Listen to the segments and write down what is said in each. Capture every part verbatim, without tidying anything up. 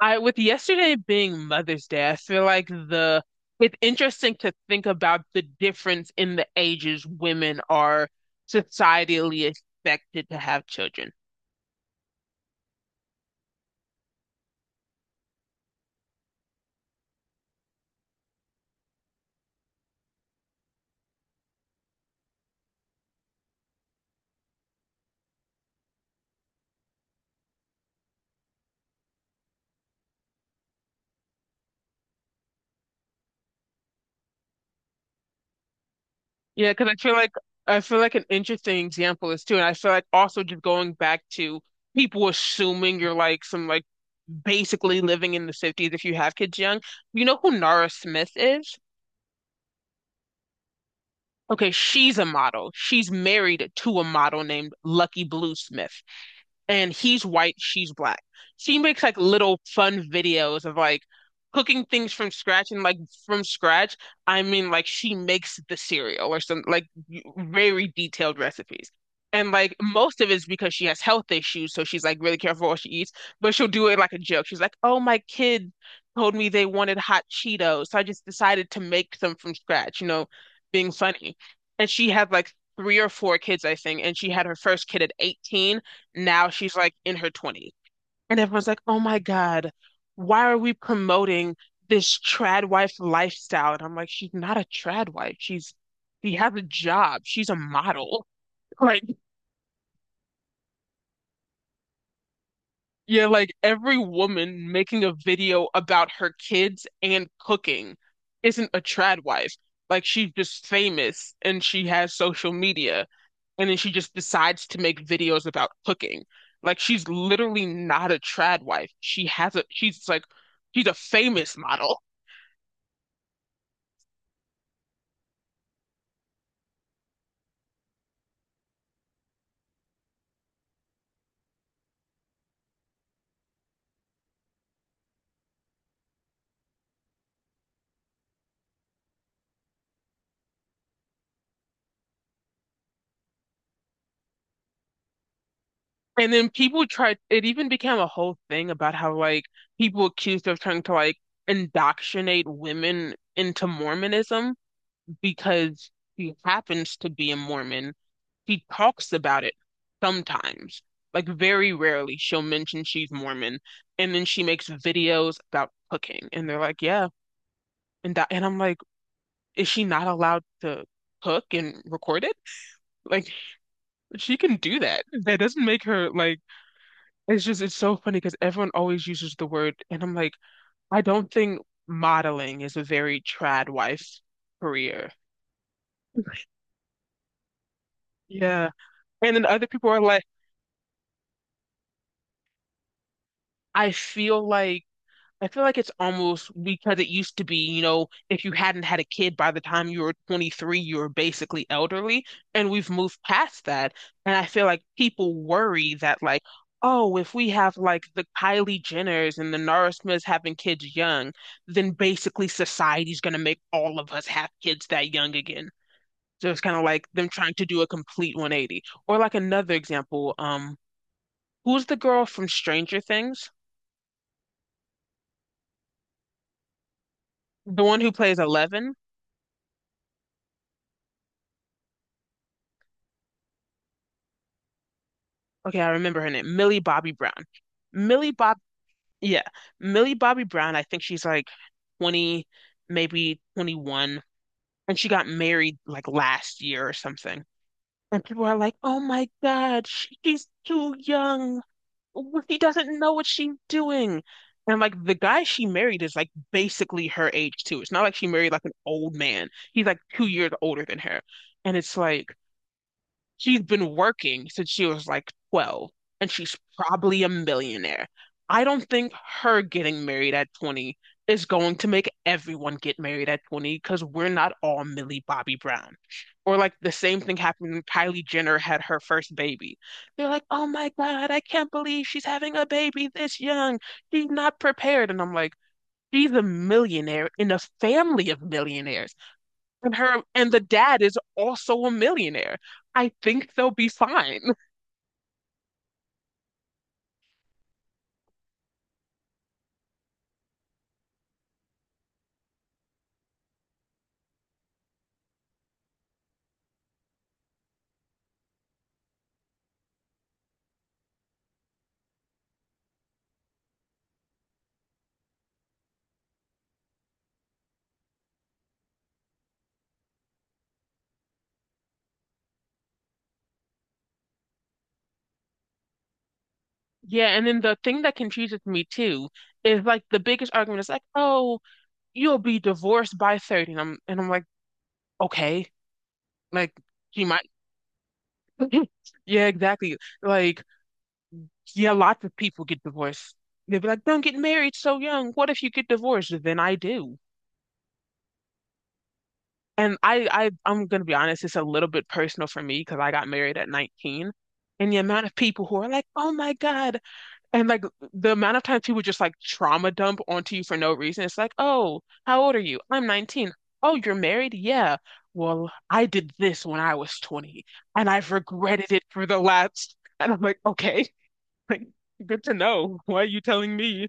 I with yesterday being Mother's Day, I feel like the it's interesting to think about the difference in the ages women are societally expected to have children. Yeah, because I feel like I feel like an interesting example is, too, and I feel like, also, just going back to people assuming you're like some, like, basically living in the fifties if you have kids young. You know who Nara Smith is? Okay, she's a model. She's married to a model named Lucky Blue Smith. And he's white, she's black. She makes like little fun videos of like cooking things from scratch, and like from scratch, I mean, like she makes the cereal or some, like, very detailed recipes. And like most of it's because she has health issues, so she's like really careful what she eats, but she'll do it like a joke. She's like, "Oh, my kid told me they wanted hot Cheetos, so I just decided to make some from scratch," you know, being funny. And she had like three or four kids, I think, and she had her first kid at eighteen. Now she's like in her twenties. And everyone's like, oh my God, why are we promoting this trad wife lifestyle? And I'm like, she's not a trad wife. She's, she has a job. She's a model. Like, yeah, like every woman making a video about her kids and cooking isn't a trad wife. Like she's just famous and she has social media and then she just decides to make videos about cooking. Like she's literally not a trad wife. She has a she's like She's a famous model. And then people tried, it even became a whole thing about how, like, people accused of trying to, like, indoctrinate women into Mormonism because she happens to be a Mormon. She talks about it sometimes, like, very rarely she'll mention she's Mormon. And then she makes videos about cooking. And they're like, yeah. And that, and I'm like, is she not allowed to cook and record it? Like, she can do that. That doesn't make her, like, It's just it's so funny because everyone always uses the word, and I'm like, I don't think modeling is a very trad wife career. Yeah. And then other people are like, I feel like I feel like it's almost because it used to be, you know, if you hadn't had a kid by the time you were twenty-three, you were basically elderly, and we've moved past that. And I feel like people worry that, like, oh, if we have like the Kylie Jenners and the Nara Smiths having kids young, then basically society's going to make all of us have kids that young again. So it's kind of like them trying to do a complete one eighty. Or like another example, um, who's the girl from Stranger Things? The one who plays Eleven? Okay, I remember her name, Millie Bobby Brown. Millie Bob, yeah, Millie Bobby Brown. I think she's like twenty, maybe twenty-one, and she got married like last year or something. And people are like, "Oh my God, she- she's too young. She doesn't know what she's doing." And like the guy she married is like basically her age too. It's not like she married like an old man. He's like two years older than her. And it's like, she's been working since she was like twelve, and she's probably a millionaire. I don't think her getting married at twenty is going to make everyone get married at twenty because we're not all Millie Bobby Brown. Or like the same thing happened when Kylie Jenner had her first baby. They're like, oh my God, I can't believe she's having a baby this young. She's not prepared. And I'm like, she's a millionaire in a family of millionaires. And her and the dad is also a millionaire. I think they'll be fine. Yeah, and then the thing that confuses me too is like the biggest argument is like, oh, you'll be divorced by thirty. And I'm and I'm like, okay. Like she might. Yeah, exactly. Like, yeah, lots of people get divorced. They'd be like, don't get married so young. What if you get divorced? Then I do. And I, I I'm gonna be honest, it's a little bit personal for me because I got married at nineteen. And the amount of people who are like, oh my God. And like the amount of times people just like trauma dump onto you for no reason. It's like, oh, how old are you? I'm nineteen. Oh, you're married? Yeah. Well, I did this when I was twenty and I've regretted it for the last. And I'm like, okay, like good to know. Why are you telling me?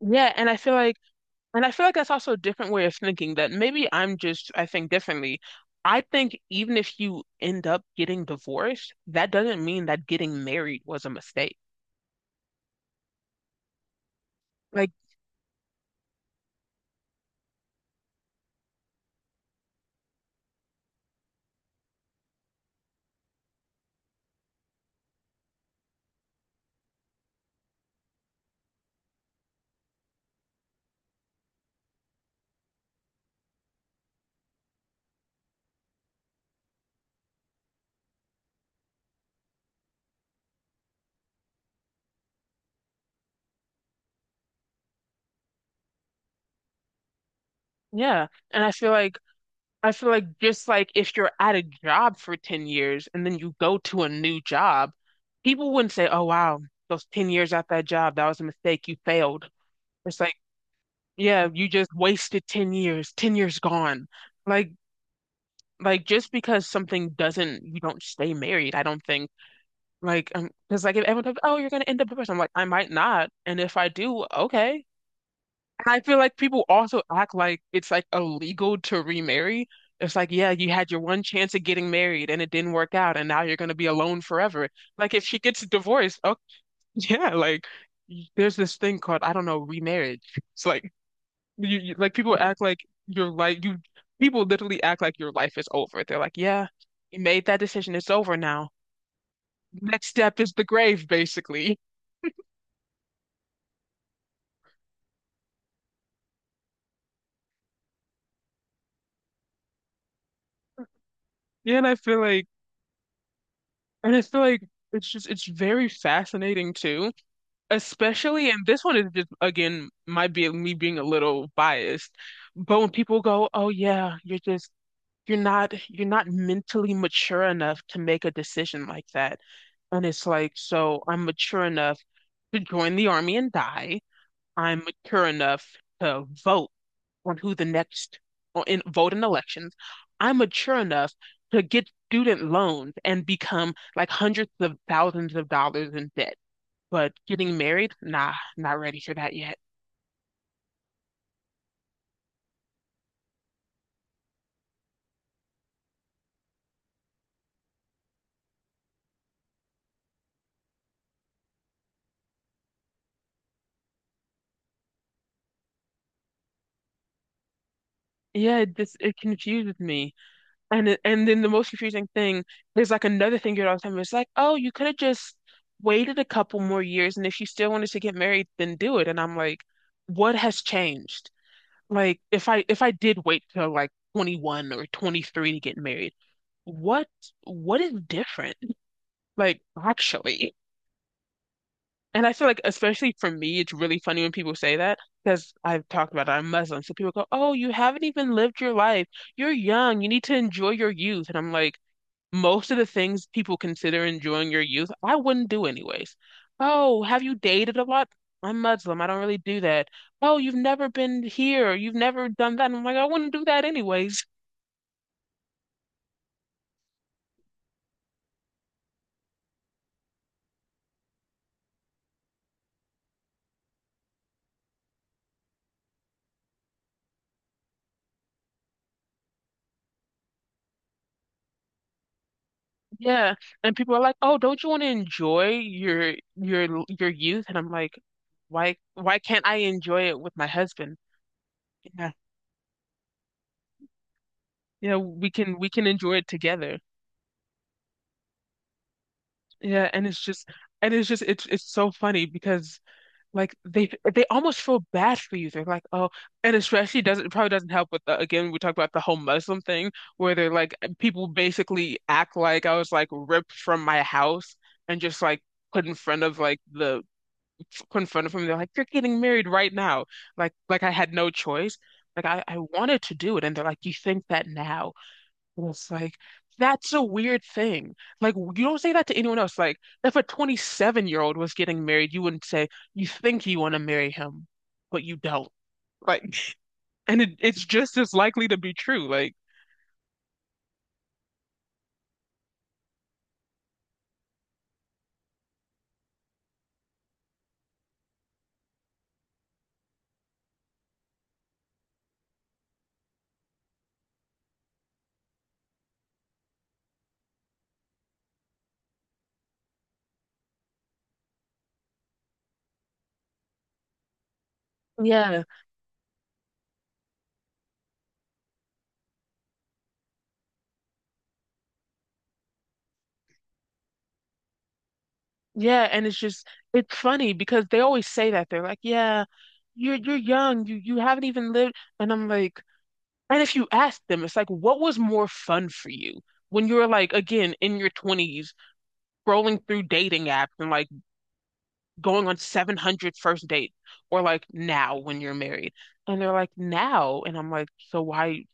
Yeah, and I feel like and I feel like that's also a different way of thinking that maybe I'm just I think differently. I think even if you end up getting divorced, that doesn't mean that getting married was a mistake. Like, yeah. And I feel like I feel like, just like, if you're at a job for ten years and then you go to a new job, people wouldn't say, "Oh wow, those ten years at that job, that was a mistake, you failed." It's like, yeah, you just wasted ten years. ten years gone. Like like just because something doesn't you don't stay married, I don't think. Like, um, because, like, if everyone goes, "Oh, you're going to end up divorced." I'm like, "I might not." And if I do, okay. And I feel like people also act like it's like illegal to remarry. It's like, yeah, you had your one chance at getting married and it didn't work out, and now you're going to be alone forever. Like, if she gets divorced, oh. Yeah, like y- there's this thing called, I don't know, remarriage. It's like, you, you like people act like your life, you People literally act like your life is over. They're like, yeah, you made that decision, it's over now. Next step is the grave, basically. Yeah, and I feel like, and I feel like it's just, it's very fascinating, too, especially, and this one is just, again, might be me being a little biased, but when people go, "Oh yeah, you're just you're not you're not mentally mature enough to make a decision like that," and it's like, so I'm mature enough to join the army and die. I'm mature enough to vote on who the next, or in vote in elections. I'm mature enough to get student loans and become like hundreds of thousands of dollars in debt. But getting married, nah, not ready for that yet. Yeah, it just it confuses me. And it, and then the most confusing thing, there's like another thing you hear all the time. It's like, oh, you could have just waited a couple more years, and if you still wanted to get married, then do it. And I'm like, what has changed? Like, if I if I did wait till like twenty-one or twenty-three to get married, what what is different? Like, actually. And I feel like, especially for me, it's really funny when people say that because I've talked about it, I'm Muslim. So people go, oh, you haven't even lived your life. You're young. You need to enjoy your youth. And I'm like, most of the things people consider enjoying your youth, I wouldn't do anyways. Oh, have you dated a lot? I'm Muslim. I don't really do that. Oh, you've never been here. You've never done that. And I'm like, I wouldn't do that anyways. Yeah, and people are like, "Oh, don't you want to enjoy your your your youth?" And I'm like, "Why why can't I enjoy it with my husband?" Yeah. Yeah, we can we can enjoy it together. Yeah, and it's just and it's just it's it's so funny because like they they almost feel bad for you. They're like, "Oh." And especially, doesn't it probably doesn't help with the again we talk about the whole Muslim thing where they're like, uh, people basically act like I was like ripped from my house and just like put in front of, like, the— confronted them. They're like, "You're getting married right now." Like, like I had no choice. Like, I, I wanted to do it, and they're like, "You think that now?" And it's like, that's a weird thing. Like, you don't say that to anyone else. Like, if a twenty-seven year old was getting married, you wouldn't say, "You think you want to marry him, but you don't." Like, and it, it's just as likely to be true. Like, yeah. Yeah, and it's just it's funny because they always say that, they're like, "Yeah, you're you're young, you you haven't even lived," and I'm like. And if you ask them, it's like, what was more fun for you when you were like, again, in your twenties, scrolling through dating apps and like going on seven hundred first dates, or like now when you're married? And they're like, now. And I'm like, so why?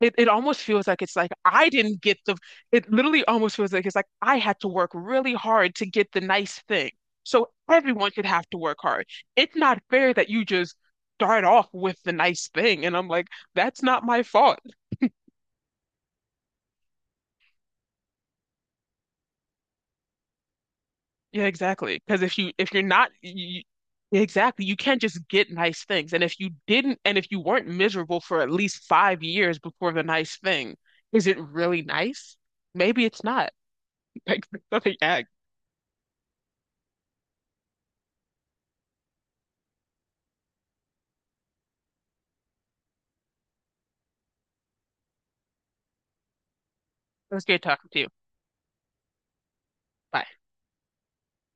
It, it almost feels like it's like I didn't get the— it literally almost feels like it's like I had to work really hard to get the nice thing. So everyone should have to work hard. It's not fair that you just start off with the nice thing. And I'm like, that's not my fault. Yeah, exactly. Because if you if you're not you, exactly, you can't just get nice things. And if you didn't, and if you weren't miserable for at least five years before the nice thing, is it really nice? Maybe it's not. Like, let me act. It was great talking to you. Bye.